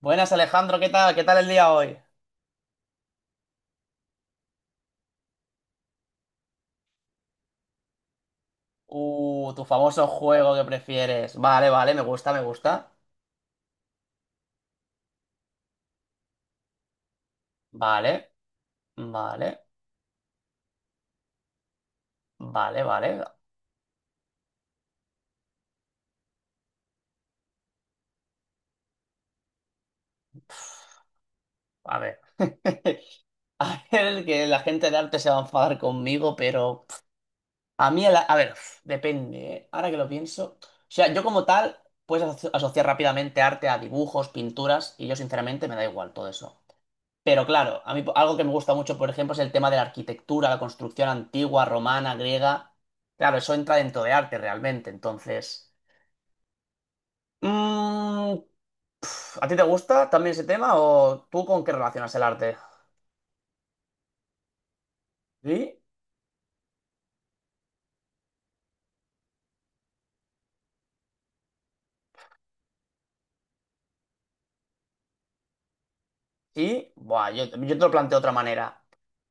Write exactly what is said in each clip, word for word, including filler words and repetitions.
Buenas Alejandro, ¿qué tal? ¿Qué tal el día hoy? Uh, tu famoso juego que prefieres. Vale, vale, me gusta, me gusta. Vale, vale, vale, vale. A ver. A ver, que la gente de arte se va a enfadar conmigo, pero a mí, el a a ver, depende, ¿eh? Ahora que lo pienso. O sea, yo como tal, puedes aso- asociar rápidamente arte a dibujos, pinturas, y yo sinceramente me da igual todo eso. Pero claro, a mí algo que me gusta mucho, por ejemplo, es el tema de la arquitectura, la construcción antigua, romana, griega. Claro, eso entra dentro de arte realmente. Entonces, mm, pf, ¿a ti te gusta también ese tema o tú con qué relacionas el arte? Sí, sí. Buah, yo, yo te lo planteo de otra manera.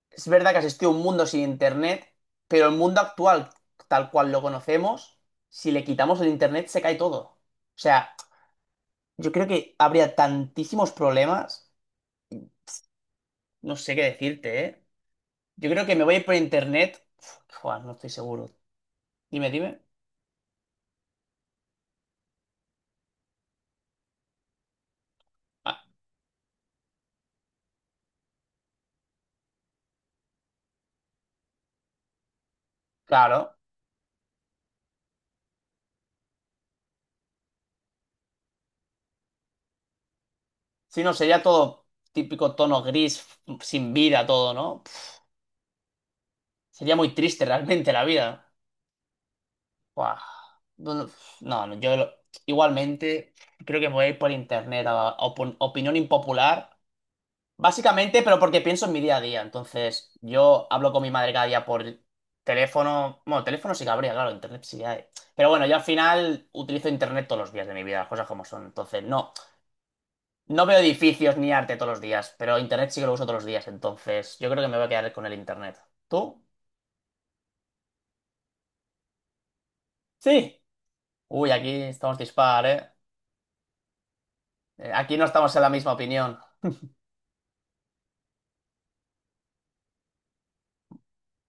Es verdad que asistió a un mundo sin internet, pero el mundo actual, tal cual lo conocemos, si le quitamos el internet se cae todo. O sea, yo creo que habría tantísimos problemas, no sé qué decirte, ¿eh? Yo creo que me voy a ir por internet. Uf, joder, no estoy seguro. Dime, dime. Ah, claro. Si no, sería todo típico tono gris, f- sin vida, todo, ¿no? Pf, sería muy triste realmente la vida. Buah. No, no, no, no, yo lo- igualmente creo que me voy a ir por internet. A- a opin- opinión impopular. Básicamente, pero porque pienso en mi día a día. Entonces, yo hablo con mi madre cada día por teléfono. Bueno, teléfono sí que habría, claro, internet sí que hay. Pero bueno, yo al final utilizo internet todos los días de mi vida, las cosas como son. Entonces, no, no veo edificios ni arte todos los días, pero internet sí que lo uso todos los días. Entonces, yo creo que me voy a quedar con el internet. ¿Tú? Sí. Uy, aquí estamos dispar, ¿eh? Eh, Aquí no estamos en la misma opinión.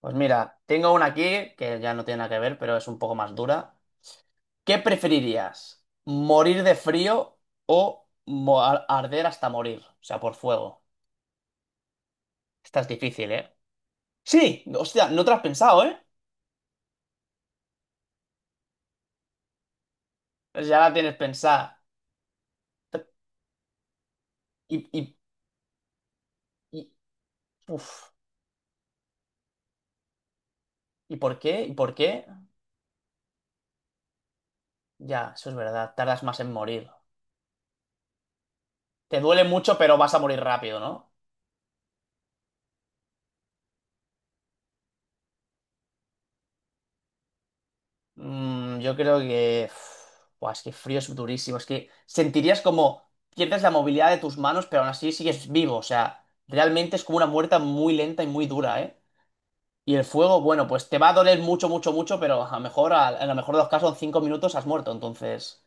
Pues mira, tengo una aquí que ya no tiene nada que ver, pero es un poco más dura. ¿Qué preferirías? ¿Morir de frío o mo- ar- arder hasta morir? O sea, por fuego. Esta es difícil, ¿eh? Sí, hostia, no te la has pensado, ¿eh? Pues ya la tienes pensada. Y, y, y, uf. ¿Y por qué? ¿Y por qué? Ya, eso es verdad, tardas más en morir. Te duele mucho, pero vas a morir rápido, ¿no? Mm, yo creo que. Buah, es que frío es durísimo. Es que sentirías como pierdes la movilidad de tus manos, pero aún así sigues vivo. O sea, realmente es como una muerte muy lenta y muy dura, ¿eh? Y el fuego, bueno, pues te va a doler mucho, mucho, mucho, pero a lo mejor, a, a lo mejor de los casos, en cinco minutos has muerto. Entonces,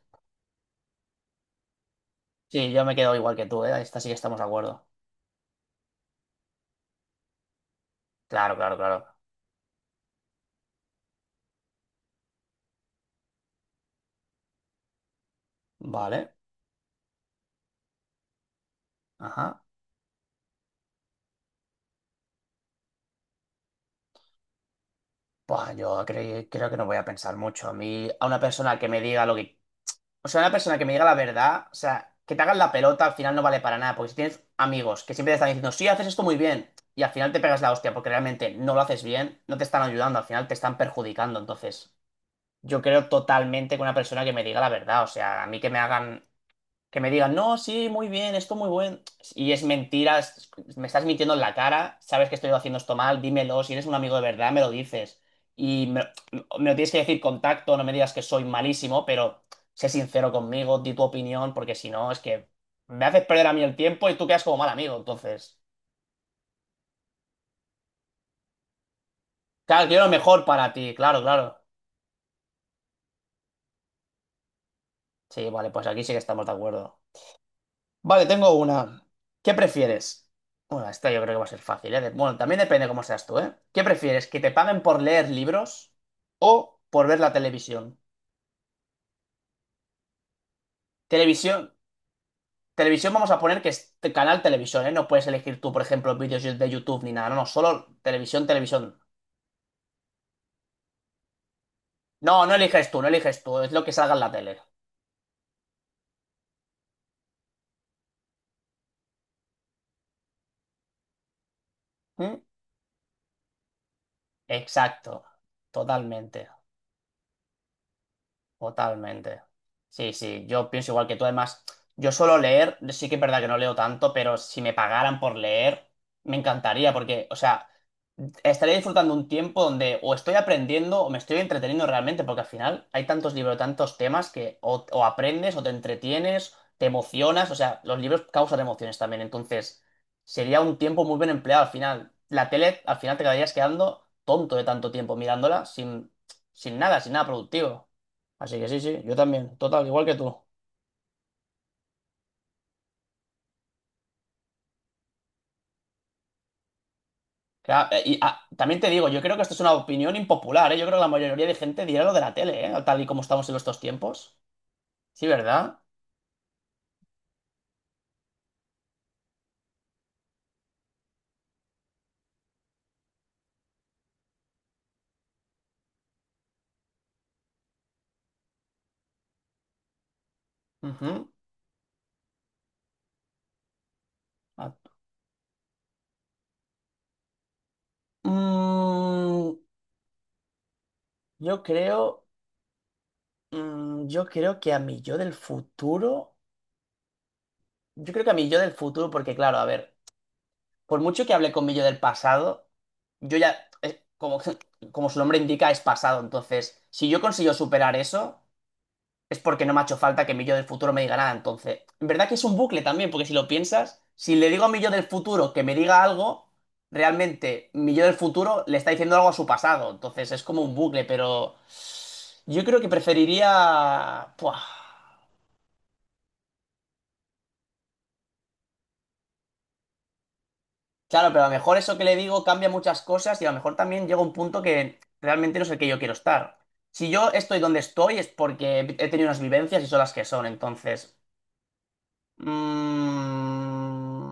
sí, yo me quedo igual que tú, ¿eh? Esta sí que estamos de acuerdo. Claro, claro, claro. Vale. Ajá. Pues yo cre- creo que no voy a pensar mucho. A mí, a una persona que me diga lo que... O sea, una persona que me diga la verdad, o sea, que te hagan la pelota al final no vale para nada, porque si tienes amigos que siempre te están diciendo, sí, haces esto muy bien, y al final te pegas la hostia porque realmente no lo haces bien, no te están ayudando, al final te están perjudicando. Entonces, yo creo totalmente que una persona que me diga la verdad, o sea, a mí que me hagan que me digan, no, sí, muy bien, esto muy bueno. Y es mentira, es- me estás mintiendo en la cara, sabes que estoy haciendo esto mal, dímelo, si eres un amigo de verdad, me lo dices. Y me, me lo tienes que decir con tacto, no me digas que soy malísimo, pero sé sincero conmigo, di tu opinión, porque si no, es que me haces perder a mí el tiempo y tú quedas como mal amigo. Entonces, claro, quiero lo mejor para ti, claro, claro. Sí, vale, pues aquí sí que estamos de acuerdo. Vale, tengo una. ¿Qué prefieres? Bueno, esta yo creo que va a ser fácil, ¿eh? De- Bueno, también depende cómo seas tú, ¿eh? ¿Qué prefieres? ¿Que te paguen por leer libros o por ver la televisión? Televisión, televisión vamos a poner que es t- canal televisión, ¿eh? No puedes elegir tú, por ejemplo, vídeos de YouTube ni nada, no, no, solo televisión, televisión. No, no eliges tú, no eliges tú, es lo que salga en la tele. ¿Mm? Exacto, totalmente. Totalmente. Sí, sí, yo pienso igual que tú. Además, yo suelo leer, sí que es verdad que no leo tanto, pero si me pagaran por leer, me encantaría, porque, o sea, estaría disfrutando un tiempo donde o estoy aprendiendo o me estoy entreteniendo realmente, porque al final hay tantos libros, tantos temas que o, o aprendes o te entretienes, te emocionas, o sea, los libros causan emociones también, entonces sería un tiempo muy bien empleado al final. La tele, al final te quedarías quedando tonto de tanto tiempo mirándola sin, sin nada, sin nada productivo. Así que sí, sí, yo también. Total, igual que tú. Que, ah, eh, y ah, También te digo, yo creo que esto es una opinión impopular, ¿eh? Yo creo que la mayoría de gente dirá lo de la tele, ¿eh? Tal y como estamos en estos tiempos. Sí, ¿verdad? Ujú. Ah, mm, yo creo. Mm, yo creo que a mi yo del futuro. Yo creo que a mi yo del futuro, porque claro, a ver, por mucho que hable con mi yo del pasado, yo ya. Eh, como, como su nombre indica, es pasado. Entonces, si yo consigo superar eso. Es porque no me ha hecho falta que mi yo del futuro me diga nada. Entonces, en verdad que es un bucle también, porque si lo piensas, si le digo a mi yo del futuro que me diga algo, realmente mi yo del futuro le está diciendo algo a su pasado. Entonces es como un bucle, pero yo creo que preferiría... Puah. Claro, pero a lo mejor eso que le digo cambia muchas cosas y a lo mejor también llega un punto que realmente no es el que yo quiero estar. Si yo estoy donde estoy es porque he tenido unas vivencias y son las que son, entonces... mm,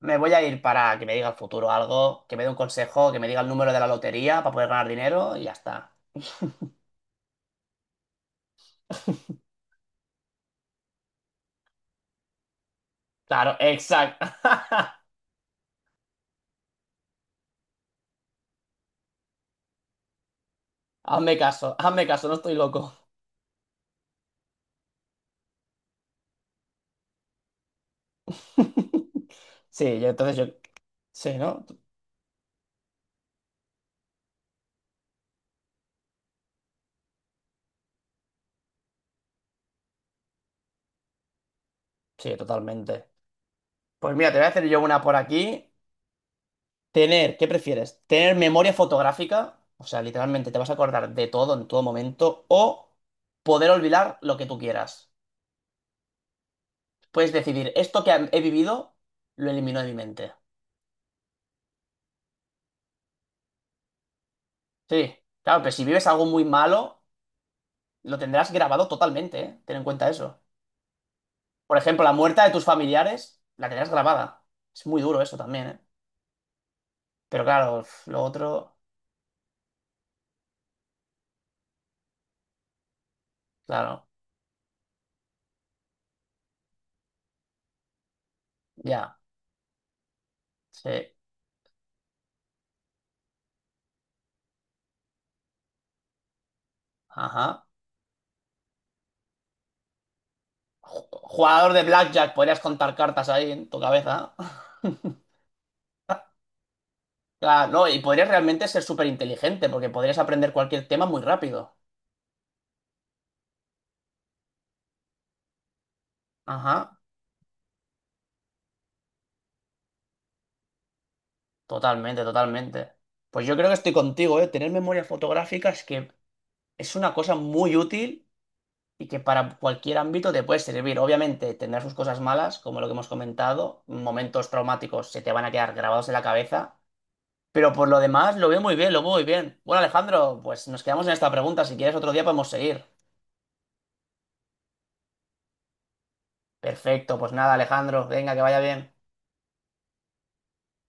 Me voy a ir para que me diga el futuro algo, que me dé un consejo, que me diga el número de la lotería para poder ganar dinero y ya está. Claro, exacto. Hazme caso, hazme caso, no estoy loco. Sí, yo, entonces yo... Sí, ¿no? Sí, totalmente. Pues mira, te voy a hacer yo una por aquí. Tener, ¿qué prefieres? ¿Tener memoria fotográfica? O sea, literalmente te vas a acordar de todo en todo momento o poder olvidar lo que tú quieras. Puedes decidir, esto que he vivido, lo elimino de mi mente. Sí, claro, pero si vives algo muy malo, lo tendrás grabado totalmente, ¿eh? Ten en cuenta eso. Por ejemplo, la muerte de tus familiares, la tendrás grabada. Es muy duro eso también, ¿eh? Pero claro, uf, lo otro, claro, ya, sí, ajá. Ju- Jugador de blackjack, podrías contar cartas ahí en tu cabeza. Claro, no, y podrías realmente ser súper inteligente, porque podrías aprender cualquier tema muy rápido. Ajá, totalmente, totalmente. Pues yo creo que estoy contigo, ¿eh? Tener memoria fotográfica es que es una cosa muy útil y que para cualquier ámbito te puede servir. Obviamente tendrá sus cosas malas, como lo que hemos comentado, momentos traumáticos se te van a quedar grabados en la cabeza, pero por lo demás lo veo muy bien, lo veo muy bien. Bueno, Alejandro, pues nos quedamos en esta pregunta, si quieres otro día podemos seguir. Perfecto, pues nada, Alejandro, venga, que vaya bien.